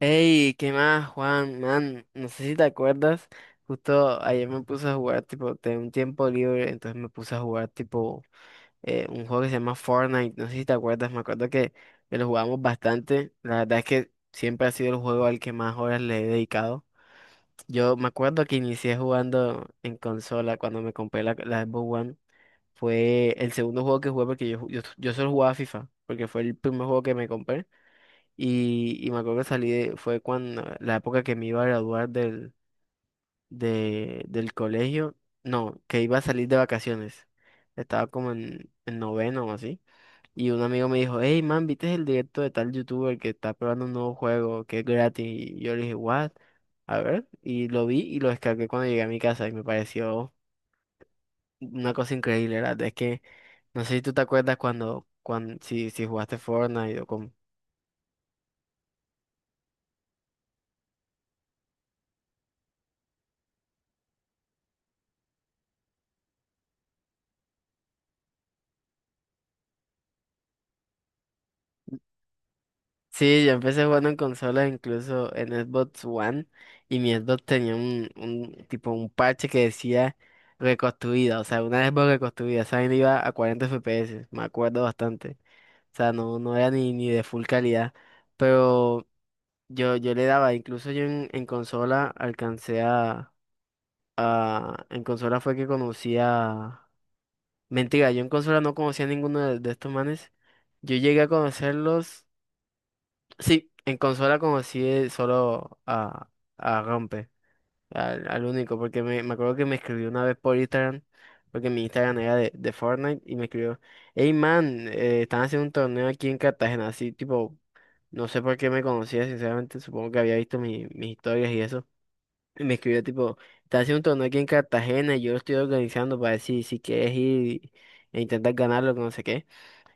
Hey, ¿qué más, Juan? Man, no sé si te acuerdas, justo ayer me puse a jugar, tipo, tenía un tiempo libre, entonces me puse a jugar, tipo, un juego que se llama Fortnite, no sé si te acuerdas, me acuerdo que lo jugamos bastante, la verdad es que siempre ha sido el juego al que más horas le he dedicado. Yo me acuerdo que inicié jugando en consola cuando me compré la Xbox One, fue el segundo juego que jugué porque yo solo jugaba FIFA, porque fue el primer juego que me compré. Y me acuerdo que salí, fue cuando, la época que me iba a graduar del colegio, no, que iba a salir de vacaciones. Estaba como en noveno o así. Y un amigo me dijo, hey man, ¿viste el directo de tal youtuber que está probando un nuevo juego que es gratis? Y yo le dije, what? A ver, y lo vi y lo descargué cuando llegué a mi casa y me pareció una cosa increíble, ¿verdad? Es que, no sé si tú te acuerdas cuando si jugaste Fortnite o con. Sí, yo empecé jugando en consola, incluso en Xbox One, y mi Xbox tenía un tipo un parche que decía reconstruida, o sea, una Xbox reconstruida, esa vaina iba a 40 FPS, me acuerdo bastante. O sea, no, no era ni de full calidad, pero yo le daba, incluso yo en consola alcancé a, en consola fue que conocía... Mentira, yo en consola no conocía a ninguno de estos manes. Yo llegué a conocerlos. Sí, en consola conocí solo a Rampe, al único, porque me acuerdo que me escribió una vez por Instagram, porque mi Instagram era de Fortnite, y me escribió, hey man, están haciendo un torneo aquí en Cartagena, así tipo, no sé por qué me conocía, sinceramente, supongo que había visto mis historias y eso, y me escribió tipo, están haciendo un torneo aquí en Cartagena, y yo lo estoy organizando para decir si quieres ir e intentar ganarlo, que no sé qué.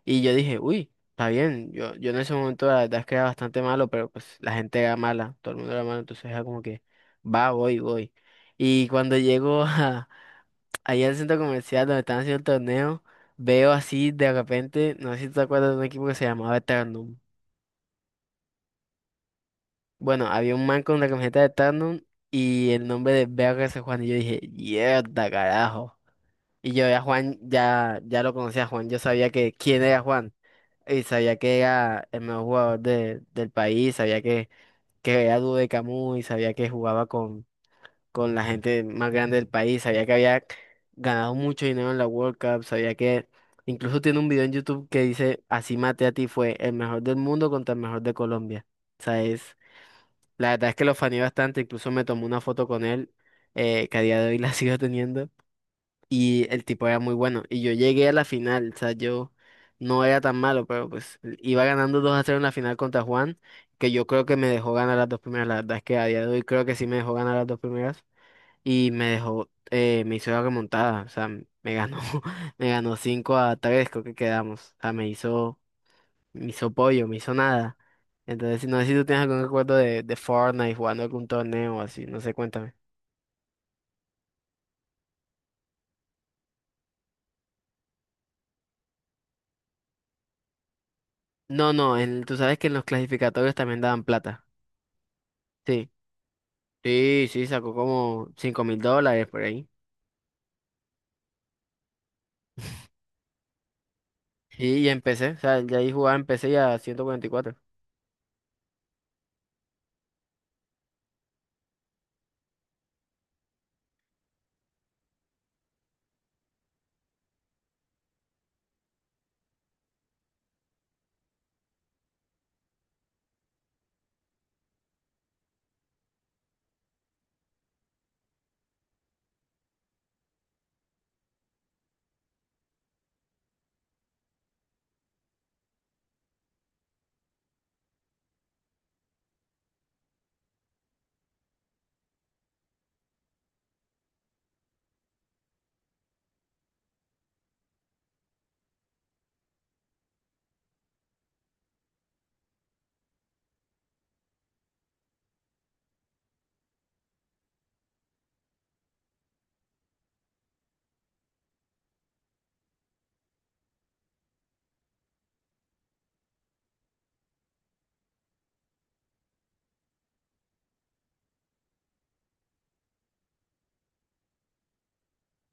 Y yo dije, uy, está bien, yo en ese momento la verdad es que era bastante malo, pero pues la gente era mala, todo el mundo era malo, entonces era como que, va, voy, voy. Y cuando llego a, allá al centro comercial donde están haciendo el torneo, veo así de repente, no sé si te acuerdas de un equipo que se llamaba Eternum. Bueno, había un man con la camiseta de Eternum y el nombre de BRC Juan, y yo dije, mierda, carajo. Y yo ya Juan, ya lo conocía a Juan, yo sabía que quién era Juan. Y sabía que era el mejor jugador del país, sabía que, era dúo de Camus y sabía que jugaba con la gente más grande del país, sabía que había ganado mucho dinero en la World Cup, sabía que incluso tiene un video en YouTube que dice, así maté a ti fue el mejor del mundo contra el mejor de Colombia. O sea, la verdad es que lo faneé bastante, incluso me tomé una foto con él, que a día de hoy la sigo teniendo. Y el tipo era muy bueno. Y yo llegué a la final, o sea, yo no era tan malo, pero pues iba ganando 2-0 en la final contra Juan, que yo creo que me dejó ganar las dos primeras. La verdad es que a día de hoy creo que sí me dejó ganar las dos primeras. Y me dejó, me hizo la remontada, o sea, me ganó, me ganó 5-3 creo que quedamos. O sea, me hizo pollo, me hizo nada. Entonces, no sé si tú tienes algún recuerdo de Fortnite jugando algún torneo o así, no sé, cuéntame. No, no, tú sabes que en los clasificatorios también daban plata. Sí. Sí, sí, sacó como $5.000 por ahí. Sí, y empecé, o sea, ya ahí jugaba, empecé ya a 144.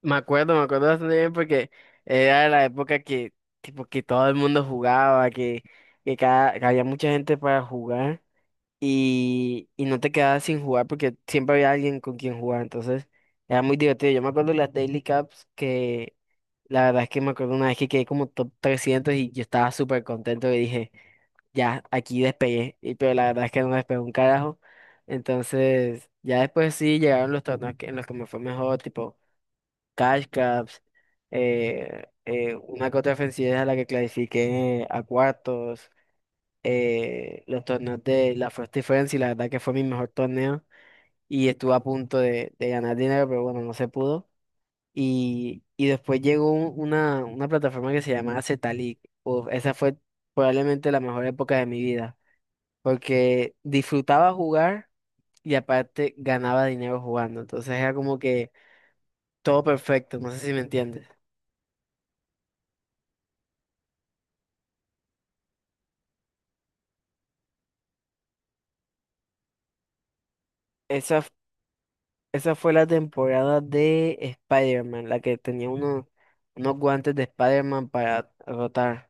Me acuerdo bastante bien porque era la época que, tipo, que todo el mundo jugaba, que había mucha gente para jugar y no te quedabas sin jugar porque siempre había alguien con quien jugar, entonces era muy divertido. Yo me acuerdo las Daily Cups que. La verdad es que me acuerdo una vez que quedé como top 300 y yo estaba súper contento y dije, ya, aquí despegué. Pero la verdad es que no despegué un carajo. Entonces, ya después sí llegaron los torneos en los que me fue mejor, tipo Cash Cups, una que otra ofensiva a la que clasifiqué a cuartos, los torneos de la Frosty Friends y la verdad que fue mi mejor torneo y estuve a punto de ganar dinero, pero bueno, no se pudo. Y después llegó una plataforma que se llamaba Zetalic. Uf, esa fue probablemente la mejor época de mi vida, porque disfrutaba jugar y aparte ganaba dinero jugando. Entonces era como que todo perfecto, no sé si me entiendes. Esa, f- esa fue la temporada de Spider-Man, la que tenía unos guantes de Spider-Man para rotar.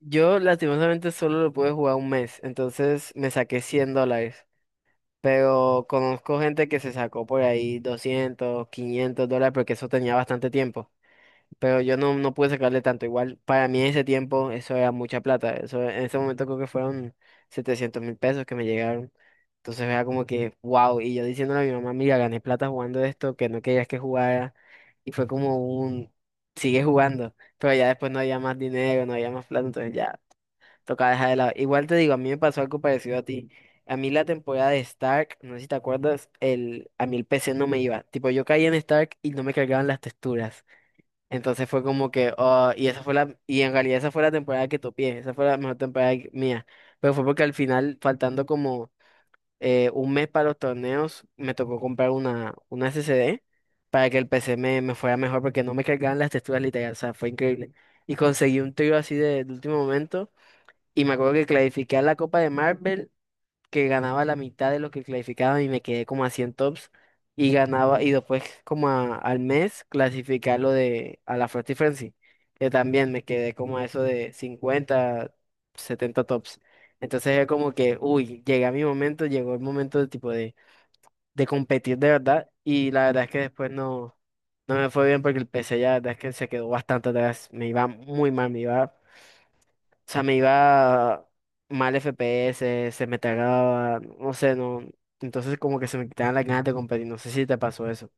Yo lastimosamente solo lo pude jugar un mes, entonces me saqué $100. Pero conozco gente que se sacó por ahí 200 500 dólares porque eso tenía bastante tiempo. Pero yo no, no pude sacarle tanto. Igual para mí en ese tiempo eso era mucha plata. Eso, en ese momento creo que fueron 700.000 pesos que me llegaron. Entonces era como que, wow. Y yo diciéndole a mi mamá, mira, gané plata jugando esto, que no querías que jugara. Y fue como un, sigue jugando. Pero ya después no había más dinero, no había más plata. Entonces ya. Toca dejar de lado. Igual te digo, a mí me pasó algo parecido a ti. A mí la temporada de Stark, no sé si te acuerdas, a mí el PC no me iba. Tipo, yo caía en Stark y no me cargaban las texturas. Entonces fue como que, oh, y esa fue la, y en realidad esa fue la temporada que topé, esa fue la mejor temporada mía. Pero fue porque al final, faltando como un mes para los torneos, me tocó comprar una SSD para que el PC me fuera mejor porque no me cargaban las texturas literal, o sea, fue increíble. Y conseguí un trío así de último momento. Y me acuerdo que clasifiqué a la Copa de Marvel, que ganaba la mitad de lo que clasificaba y me quedé como a 100 tops. Y ganaba, y después como al mes clasifiqué a lo de a la Frosty Frenzy, que también me quedé como a eso de 50 70 tops. Entonces es como que, uy, llegué a mi momento, llegó el momento de tipo de, competir de verdad. Y la verdad es que después no, no me fue bien porque el P C ya la verdad es que se quedó bastante atrás. Me iba muy mal, me iba. O sea, me iba mal FPS, se me tragaba, no sé, no. Entonces como que se me quitaban las ganas de competir. No sé si te pasó eso.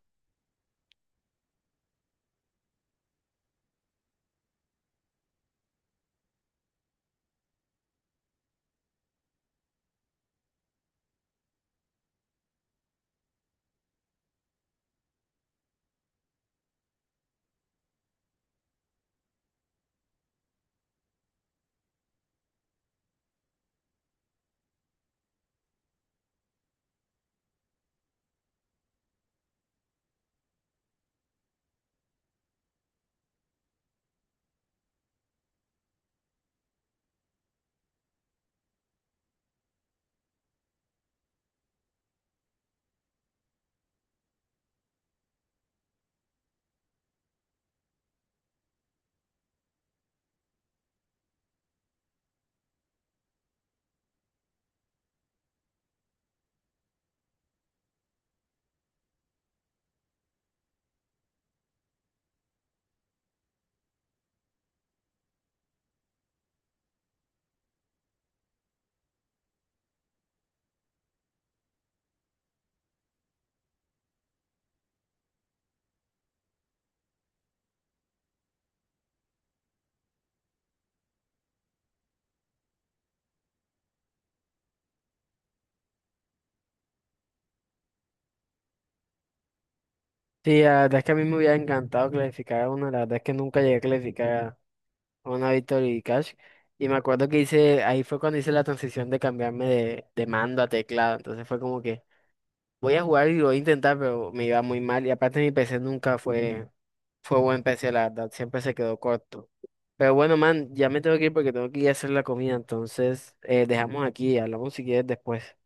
Sí, la verdad es que a mí me hubiera encantado clasificar a una. La verdad es que nunca llegué a clasificar a una Victory Cash. Y me acuerdo que hice, ahí fue cuando hice la transición de cambiarme de mando a teclado. Entonces fue como que voy a jugar y lo voy a intentar, pero me iba muy mal. Y aparte mi PC nunca fue, buen PC, la verdad. Siempre se quedó corto. Pero bueno, man, ya me tengo que ir porque tengo que ir a hacer la comida. Entonces, dejamos aquí, hablamos si quieres después.